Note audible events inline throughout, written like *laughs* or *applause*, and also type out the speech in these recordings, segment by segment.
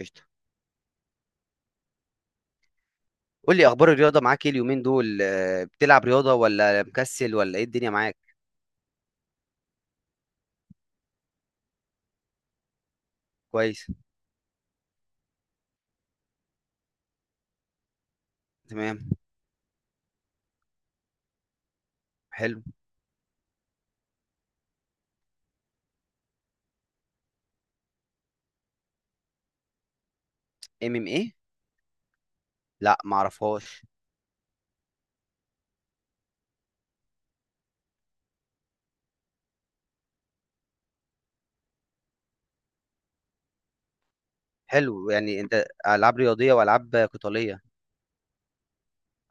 قشطة. قول لي اخبار الرياضة معاك ايه اليومين دول؟ بتلعب رياضة ولا مكسل ولا ايه الدنيا معاك؟ كويس. تمام. حلو. ام ام ايه؟ لا معرفهاش. حلو، يعني انت العاب رياضية والعاب قتالية.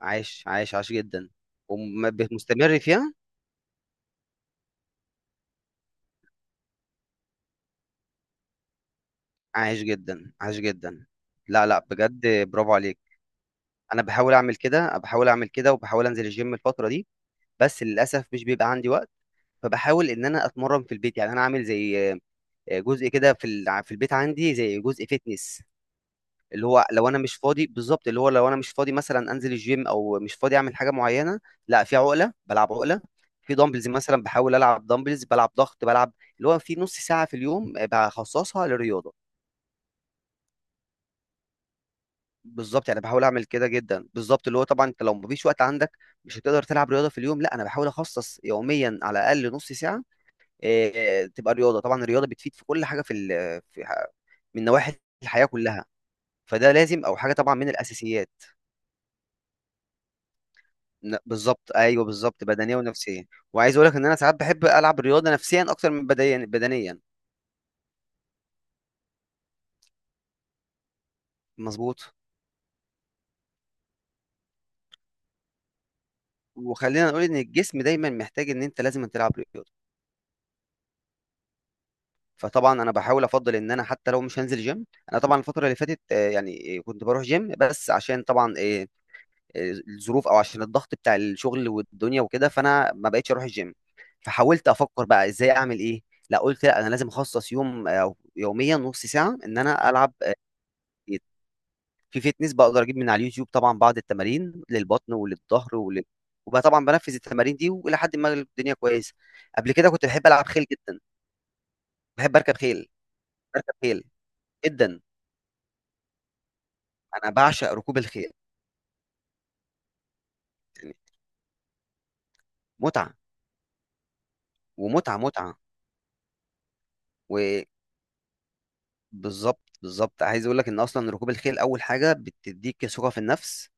عايش جدا ومستمر فيها. عايش جدا عايش جدا. لا لا، بجد برافو عليك. انا بحاول اعمل كده، وبحاول انزل الجيم الفترة دي، بس للاسف مش بيبقى عندي وقت. فبحاول ان انا اتمرن في البيت، يعني انا عامل زي جزء كده في البيت عندي زي جزء فيتنس. اللي هو لو انا مش فاضي بالظبط، اللي هو لو انا مش فاضي مثلا انزل الجيم او مش فاضي اعمل حاجه معينه، لا في عقله بلعب عقله. في دامبلز مثلا بحاول العب دامبلز، بلعب ضغط، بلعب اللي هو في نص ساعه في اليوم بخصصها للرياضه. بالظبط، يعني بحاول اعمل كده جدا بالظبط. اللي هو طبعا انت لو مفيش وقت عندك مش هتقدر تلعب رياضه في اليوم، لا انا بحاول اخصص يوميا على الاقل نص ساعه. تبقى رياضه. طبعا الرياضه بتفيد في كل حاجه، في ال- في- ح- من نواحي الحياه كلها، فده لازم او حاجه طبعا من الاساسيات. بالظبط، ايوه بالظبط، بدنيه ونفسيه. وعايز اقول لك ان انا ساعات بحب العب الرياضه نفسيا اكتر من بدنيا بدنيا. مظبوط. وخلينا نقول ان الجسم دايما محتاج ان انت لازم تلعب رياضه. فطبعا انا بحاول افضل ان انا حتى لو مش هنزل جيم. انا طبعا الفتره اللي فاتت كنت بروح جيم، بس عشان طبعا آه، الظروف او عشان الضغط بتاع الشغل والدنيا وكده، فانا ما بقتش اروح الجيم. فحاولت افكر بقى ازاي اعمل ايه. لا قلت لا انا لازم اخصص يوم، او يوميا نص ساعه ان انا العب في فيتنس. بقدر اجيب من على اليوتيوب طبعا بعض التمارين للبطن وللظهر وبقى طبعا بنفذ التمارين دي، والى حد ما الدنيا كويسه. قبل كده كنت بحب العب خيل جدا. بحب اركب خيل. بركب خيل جدا. انا بعشق ركوب الخيل. متعه. ومتعه متعه. وبالظبط بالظبط، عايز اقول لك ان اصلا ركوب الخيل اول حاجه بتديك ثقه في النفس.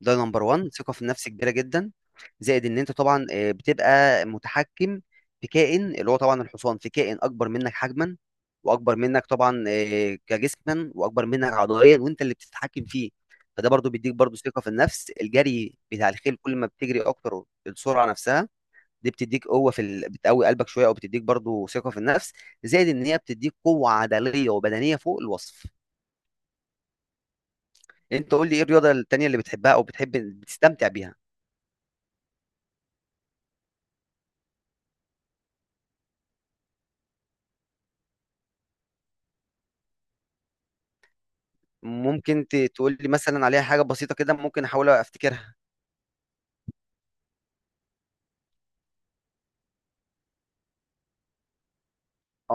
ده نمبر 1، ثقة في النفس كبيرة جدا. زائد ان انت طبعا بتبقى متحكم في كائن، اللي هو طبعا الحصان، في كائن اكبر منك حجما، واكبر منك طبعا كجسما، واكبر منك عضليا، وانت اللي بتتحكم فيه. فده برضو بيديك برضو ثقة في النفس. الجري بتاع الخيل كل ما بتجري اكتر، السرعة نفسها دي بتديك قوة بتقوي قلبك شوية، او بتديك برضو ثقة في النفس. زائد ان هي بتديك قوة عضلية وبدنية فوق الوصف. انت قول لي ايه الرياضة التانية اللي بتحبها او بتحب بتستمتع بيها؟ ممكن تقول لي مثلا عليها حاجة بسيطة كده ممكن احاول افتكرها.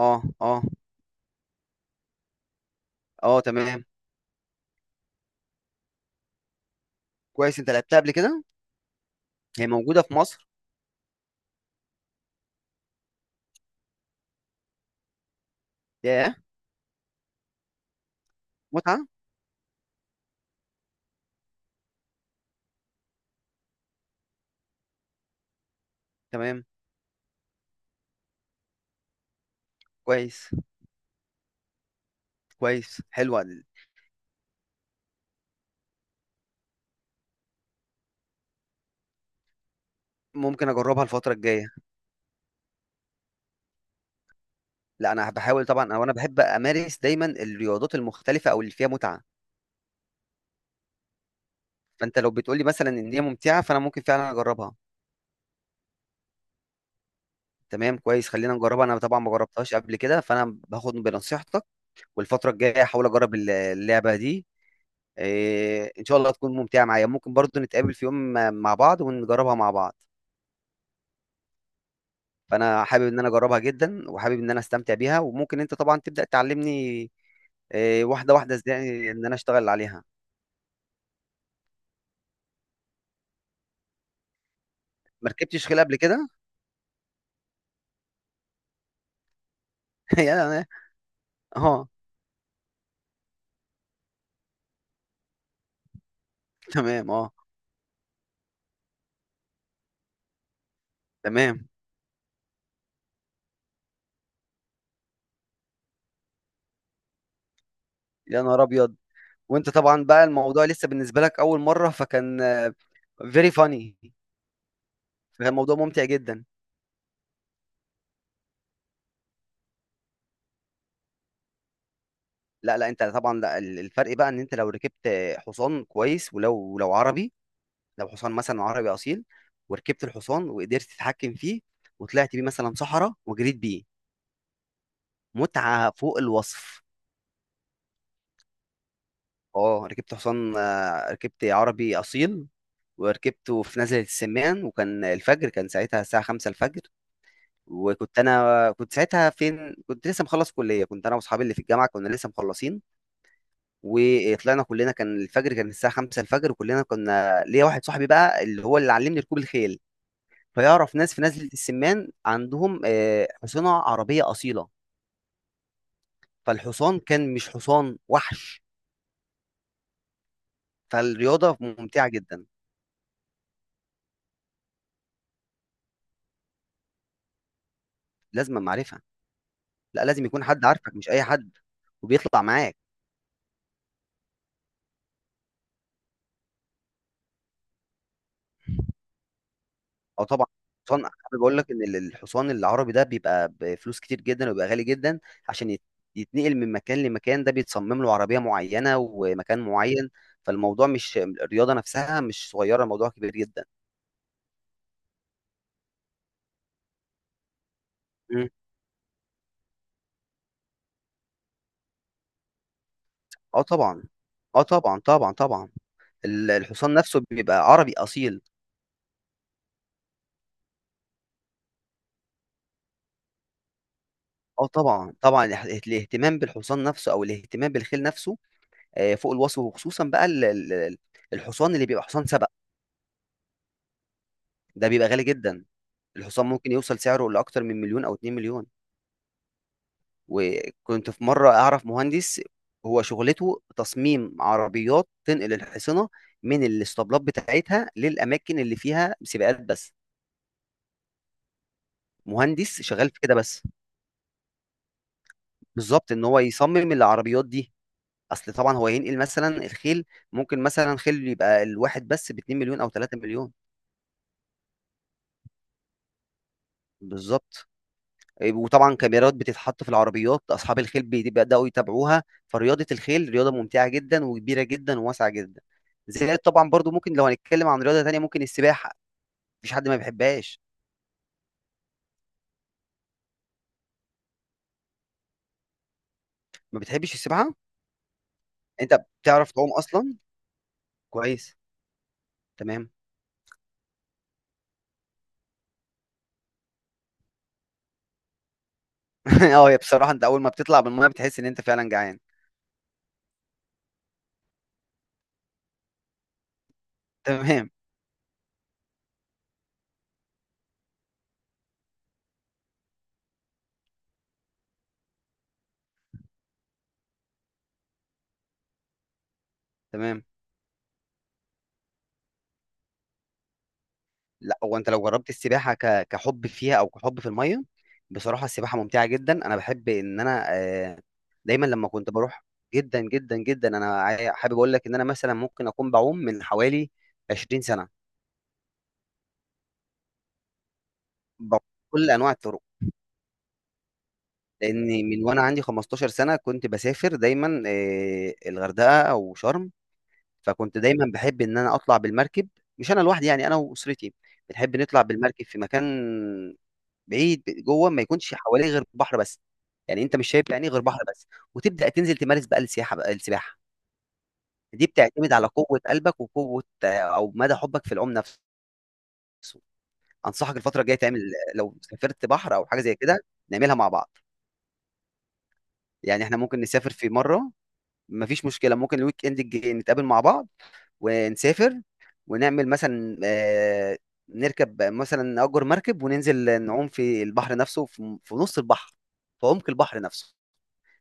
اه اه. اه تمام. كويس، انت لعبتها قبل كده؟ هي موجودة في مصر؟ ياه، متعة. تمام، كويس. كويس، حلوة. ممكن اجربها الفترة الجاية. لا انا بحاول طبعا، او انا بحب امارس دايما الرياضات المختلفة او اللي فيها متعة. فانت لو بتقول لي مثلا ان هي ممتعة، فانا ممكن فعلا اجربها. تمام، كويس، خلينا نجربها. انا طبعا ما جربتهاش قبل كده، فانا باخد بنصيحتك. والفترة الجاية احاول اجرب اللعبة دي. ان شاء الله تكون ممتعه معايا. ممكن برضو نتقابل في يوم مع بعض ونجربها مع بعض. فانا حابب ان انا اجربها جدا، وحابب ان انا استمتع بيها. وممكن انت طبعا تبدا تعلمني. واحده واحده ازاي ان انا اشتغل عليها. ما ركبتش خيل قبل كده. *laughs* يا أنا- اه تمام. اه تمام. يا نهار ابيض. وانت طبعا بقى الموضوع لسه بالنسبه لك اول مره، فكان فيري فاني. فكان الموضوع ممتع جدا. لا لا، انت طبعا لا، الفرق بقى ان انت لو ركبت حصان كويس، ولو عربي، لو حصان مثلا عربي اصيل، وركبت الحصان وقدرت تتحكم فيه وطلعت بيه مثلا صحراء وجريت بيه، متعه فوق الوصف. اه ركبت حصان، ركبت عربي اصيل، وركبته في نزلة السمان، وكان الفجر، كان ساعتها الساعة خمسة الفجر. وكنت أنا، كنت ساعتها فين، كنت لسه مخلص كلية، كنت أنا وأصحابي اللي في الجامعة كنا لسه مخلصين، وطلعنا كلنا، كان الفجر كان الساعة خمسة الفجر، وكلنا كنا، ليا واحد صاحبي بقى اللي هو اللي علمني ركوب الخيل، فيعرف ناس في نزلة السمان عندهم حصنة عربية أصيلة. فالحصان كان مش حصان وحش، فالرياضة ممتعة جدا. لازم معرفة. لا لازم يكون حد عارفك، مش أي حد، وبيطلع معاك. أو طبعا حصان. حابب أقول لك إن الحصان العربي ده بيبقى بفلوس كتير جدا، وبيبقى غالي جدا عشان يتنقل من مكان لمكان. ده بيتصمم له عربية معينة ومكان معين. فالموضوع، مش الرياضة نفسها، مش صغيرة، الموضوع كبير جدا. مم. اه طبعا. اه طبعا طبعا طبعا. الحصان نفسه بيبقى عربي أصيل. آه طبعًا، طبعًا، الاهتمام بالحصان نفسه أو الاهتمام بالخيل نفسه فوق الوصف. وخصوصًا بقى ال ال ال الحصان اللي بيبقى حصان سبق، ده بيبقى غالي جدًا. الحصان ممكن يوصل سعره لأكتر من 1.000.000 أو 2.000.000. وكنت في مرة أعرف مهندس، هو شغلته تصميم عربيات تنقل الحصنة من الإسطبلات بتاعتها للأماكن اللي فيها سباقات بس. مهندس شغال في كده بس. بالضبط، إن هو يصمم العربيات دي. اصل طبعا هو ينقل مثلا الخيل، ممكن مثلا خيل يبقى الواحد بس ب 2 مليون او 3 مليون. بالظبط. وطبعا كاميرات بتتحط في العربيات، اصحاب الخيل بيبداوا يتابعوها. فرياضه الخيل رياضه ممتعه جدا وكبيره جدا وواسعه جدا. زائد طبعا برضو ممكن لو هنتكلم عن رياضه تانية، ممكن السباحه. مفيش حد ما بيحبهاش. ما بتحبش السباحه؟ انت بتعرف تعوم اصلا؟ كويس. تمام. *laughs* اه هي بصراحه انت اول ما بتطلع من الميه بتحس ان انت فعلا جعان. تمام. تمام. لا هو انت لو جربت السباحه كحب فيها او كحب في الميه، بصراحه السباحه ممتعه جدا. انا بحب ان انا، دايما لما كنت بروح. جدا جدا جدا. انا حابب اقول لك ان انا مثلا ممكن اكون بعوم من حوالي 20 سنه. بعوم كل انواع الطرق. لان من وانا عندي 15 سنه كنت بسافر دايما، الغردقه او شرم. فكنت دايما بحب ان انا اطلع بالمركب، مش انا لوحدي، يعني انا واسرتي، بنحب نطلع بالمركب في مكان بعيد جوه، ما يكونش حواليه غير بحر بس، يعني انت مش شايف يعني غير بحر بس. وتبدا تنزل تمارس بقى السياحه بقى السباحه. دي بتعتمد على قوه قلبك وقوه، او مدى حبك في العوم نفسه. انصحك الفتره الجايه تعمل، لو سافرت بحر او حاجه زي كده، نعملها مع بعض. يعني احنا ممكن نسافر في مره، مفيش مشكله، ممكن الويك اند الجاي نتقابل مع بعض ونسافر، ونعمل مثلا، نركب مثلا، نأجر مركب وننزل نعوم في البحر نفسه، في نص البحر، في عمق البحر نفسه.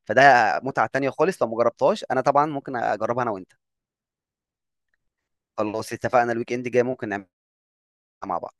فده متعة تانية خالص، لو مجربتهاش. انا طبعا ممكن اجربها انا وانت. خلاص اتفقنا، الويك اند جاي ممكن نعملها مع بعض.